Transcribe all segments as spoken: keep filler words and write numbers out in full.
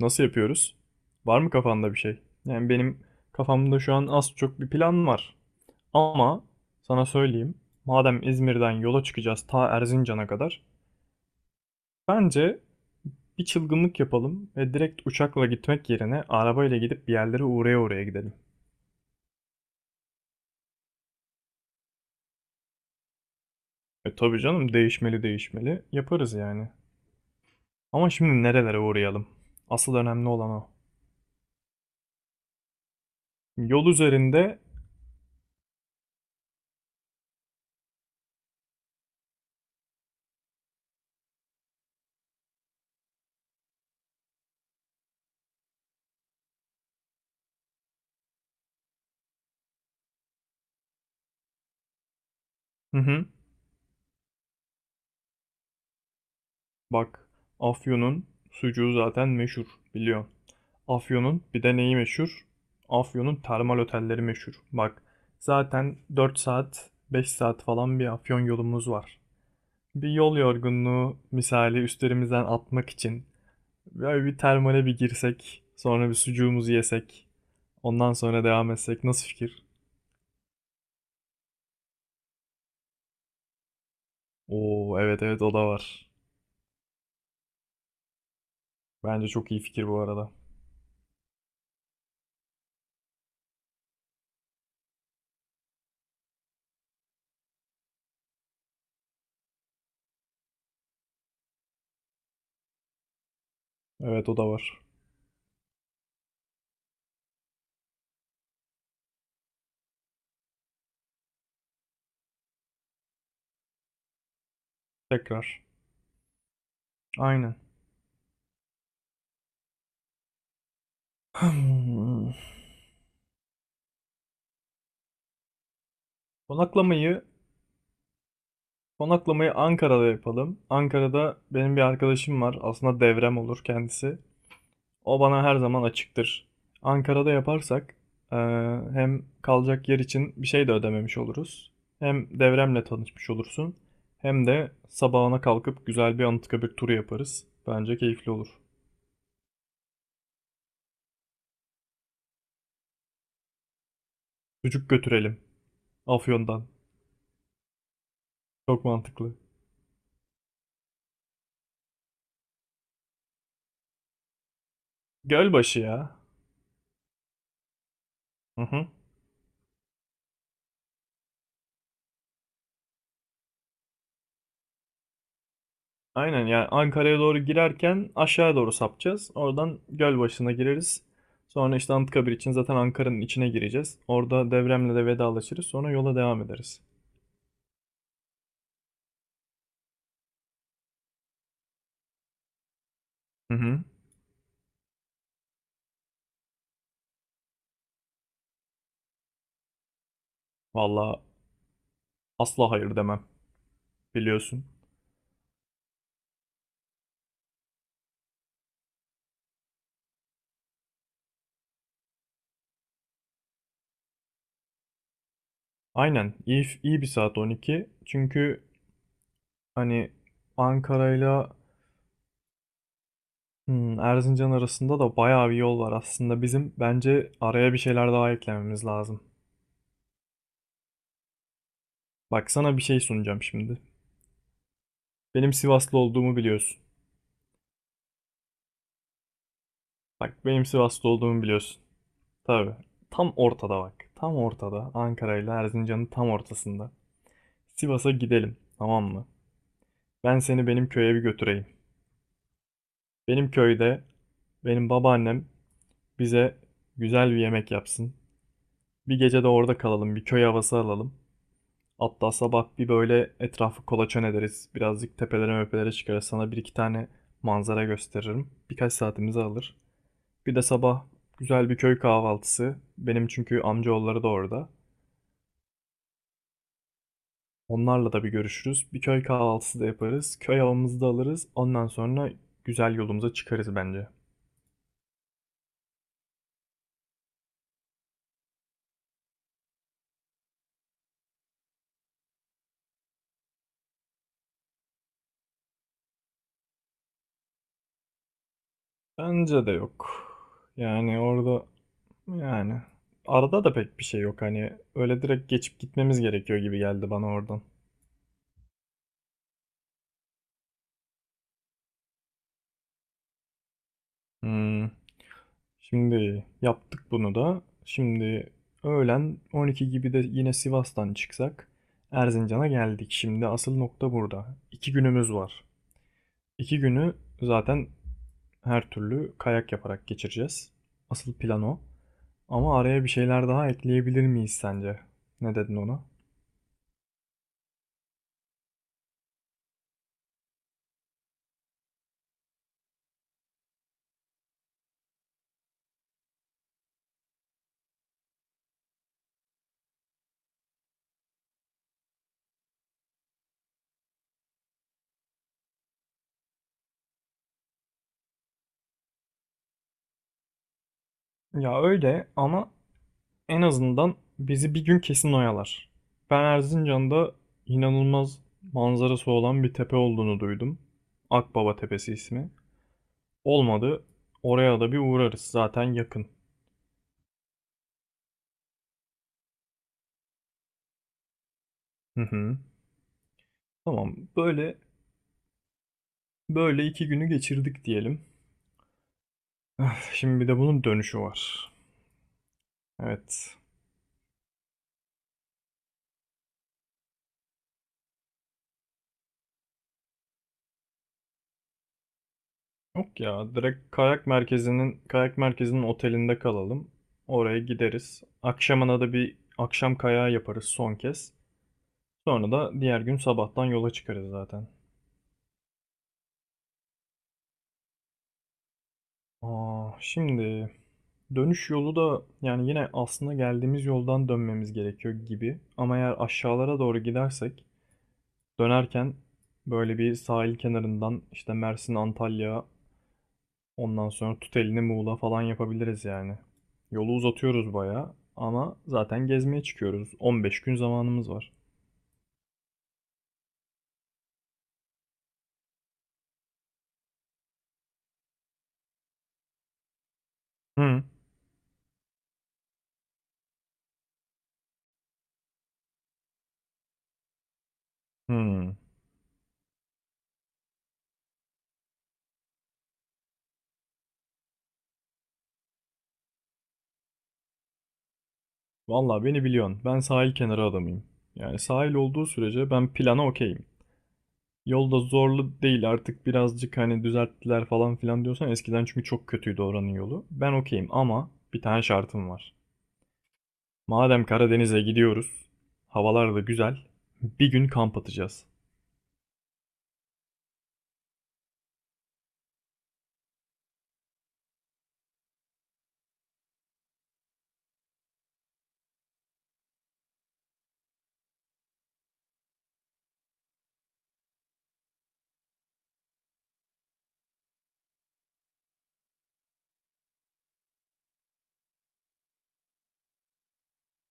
Nasıl yapıyoruz? Var mı kafanda bir şey? Yani benim kafamda şu an az çok bir plan var. Ama sana söyleyeyim, madem İzmir'den yola çıkacağız ta Erzincan'a kadar, bence bir çılgınlık yapalım ve direkt uçakla gitmek yerine arabayla gidip bir yerlere uğraya uğraya gidelim. E tabii canım değişmeli değişmeli yaparız yani. Ama şimdi nerelere uğrayalım? Asıl önemli olan o. Yol üzerinde. Hı hı. Bak, Afyon'un sucuğu zaten meşhur, biliyorsun. Afyon'un bir de neyi meşhur? Afyon'un termal otelleri meşhur. Bak, zaten dört saat, beş saat falan bir Afyon yolumuz var. Bir yol yorgunluğu misali üstlerimizden atmak için böyle bir termale bir girsek, sonra bir sucuğumuzu yesek, ondan sonra devam etsek nasıl fikir? Oo, evet evet o da var. Bence çok iyi fikir bu arada. Evet o da var. Tekrar. Aynen. Konaklamayı Konaklamayı Ankara'da yapalım. Ankara'da benim bir arkadaşım var. Aslında devrem olur kendisi. O bana her zaman açıktır. Ankara'da yaparsak eee, hem kalacak yer için bir şey de ödememiş oluruz. Hem devremle tanışmış olursun. Hem de sabahına kalkıp güzel bir Anıtkabir turu yaparız. Bence keyifli olur. Çocuk götürelim. Afyon'dan. Çok mantıklı. Gölbaşı ya. Hı hı. Aynen yani Ankara'ya doğru girerken aşağıya doğru sapacağız. Oradan Gölbaşı'na gireriz. Sonra işte Anıtkabir için zaten Ankara'nın içine gireceğiz. Orada Devrem'le de vedalaşırız. Sonra yola devam ederiz. Hı hı. Valla asla hayır demem. Biliyorsun. Aynen. İyi iyi bir saat on iki. Çünkü hani Ankara'yla hmm, Erzincan arasında da bayağı bir yol var aslında. Bizim bence araya bir şeyler daha eklememiz lazım. Bak sana bir şey sunacağım şimdi. Benim Sivaslı olduğumu biliyorsun. Bak benim Sivas'ta olduğumu biliyorsun. Tabii. Tam ortada bak. Tam ortada. Ankara ile Erzincan'ın tam ortasında. Sivas'a gidelim. Tamam mı? Ben seni benim köye bir götüreyim. Benim köyde benim babaannem bize güzel bir yemek yapsın. Bir gece de orada kalalım. Bir köy havası alalım. Hatta sabah bir böyle etrafı kolaçan ederiz. Birazcık tepelere möpelere çıkarız. Sana bir iki tane manzara gösteririm. Birkaç saatimizi alır. Bir de sabah güzel bir köy kahvaltısı. Benim çünkü amcaoğulları da orada. Onlarla da bir görüşürüz. Bir köy kahvaltısı da yaparız. Köy havamızı da alırız. Ondan sonra güzel yolumuza çıkarız bence. Bence de yok. Yani orada yani arada da pek bir şey yok. Hani öyle direkt geçip gitmemiz gerekiyor gibi geldi bana oradan. Hmm. Şimdi yaptık bunu da. Şimdi öğlen on iki gibi de yine Sivas'tan çıksak Erzincan'a geldik. Şimdi asıl nokta burada. iki günümüz var. iki günü zaten her türlü kayak yaparak geçireceğiz. Asıl plan o. Ama araya bir şeyler daha ekleyebilir miyiz sence? Ne dedin ona? Ya öyle ama en azından bizi bir gün kesin oyalar. Ben Erzincan'da inanılmaz manzarası olan bir tepe olduğunu duydum. Akbaba Tepesi ismi. Olmadı. Oraya da bir uğrarız. Zaten yakın. Hı hı. Tamam. Böyle böyle iki günü geçirdik diyelim. Şimdi bir de bunun dönüşü var. Evet. Yok ya direkt kayak merkezinin kayak merkezinin otelinde kalalım. Oraya gideriz. Akşamına da bir akşam kayağı yaparız son kez. Sonra da diğer gün sabahtan yola çıkarız zaten. Aa, şimdi dönüş yolu da yani yine aslında geldiğimiz yoldan dönmemiz gerekiyor gibi. Ama eğer aşağılara doğru gidersek dönerken böyle bir sahil kenarından işte Mersin, Antalya. Ondan sonra tut elini Muğla falan yapabiliriz yani. Yolu uzatıyoruz bayağı ama zaten gezmeye çıkıyoruz. on beş gün zamanımız var. Hı. Hı. Vallahi beni biliyorsun. Ben sahil kenarı adamıyım. Yani sahil olduğu sürece ben plana okeyim. Yolda zorlu değil artık birazcık hani düzelttiler falan filan diyorsan eskiden çünkü çok kötüydü oranın yolu. Ben okeyim ama bir tane şartım var. Madem Karadeniz'e gidiyoruz, havalar da güzel, bir gün kamp atacağız.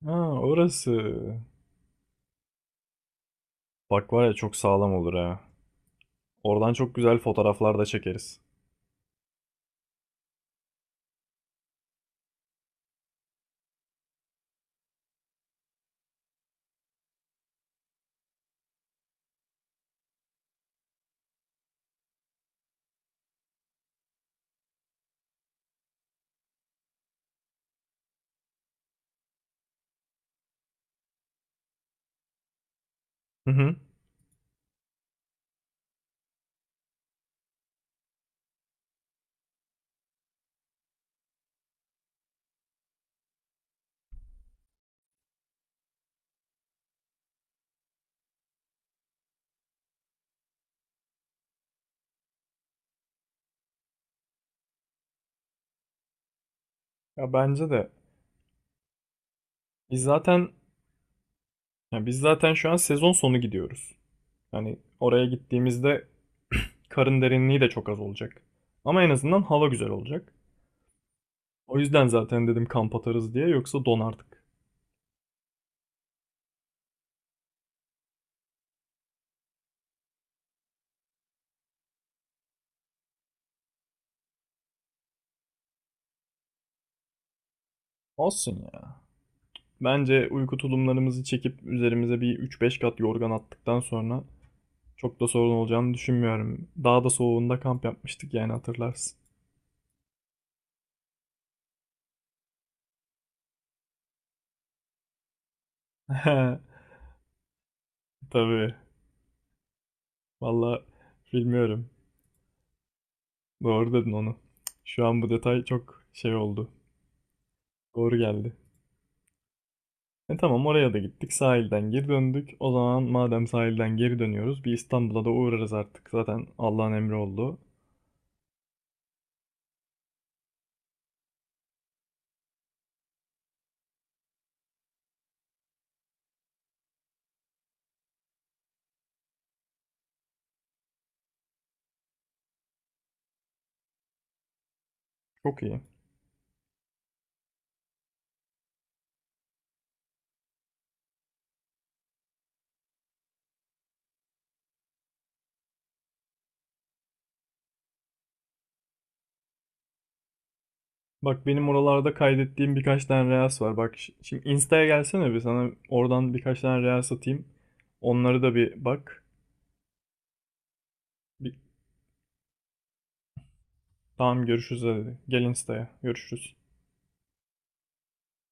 Ha orası. Bak var ya çok sağlam olur ha. Oradan çok güzel fotoğraflar da çekeriz. Hı hı. Ya bence de. Biz zaten ya biz zaten şu an sezon sonu gidiyoruz. Yani oraya gittiğimizde karın derinliği de çok az olacak. Ama en azından hava güzel olacak. O yüzden zaten dedim kamp atarız diye yoksa donardık. Olsun ya. Bence uyku tulumlarımızı çekip üzerimize bir üç beş kat yorgan attıktan sonra çok da sorun olacağını düşünmüyorum. Daha da soğuğunda kamp yapmıştık yani hatırlarsın. Tabii. Valla bilmiyorum. Doğru dedin onu. Şu an bu detay çok şey oldu. Doğru geldi. E tamam oraya da gittik. Sahilden geri döndük. O zaman madem sahilden geri dönüyoruz bir İstanbul'a da uğrarız artık. Zaten Allah'ın emri oldu. Çok iyi. Bak benim oralarda kaydettiğim birkaç tane reels var. Bak ş- şimdi Insta'ya gelsene bir sana oradan birkaç tane reels atayım. Onları da bir bak. Bir, tamam görüşürüz hadi. Gel Insta'ya. Görüşürüz.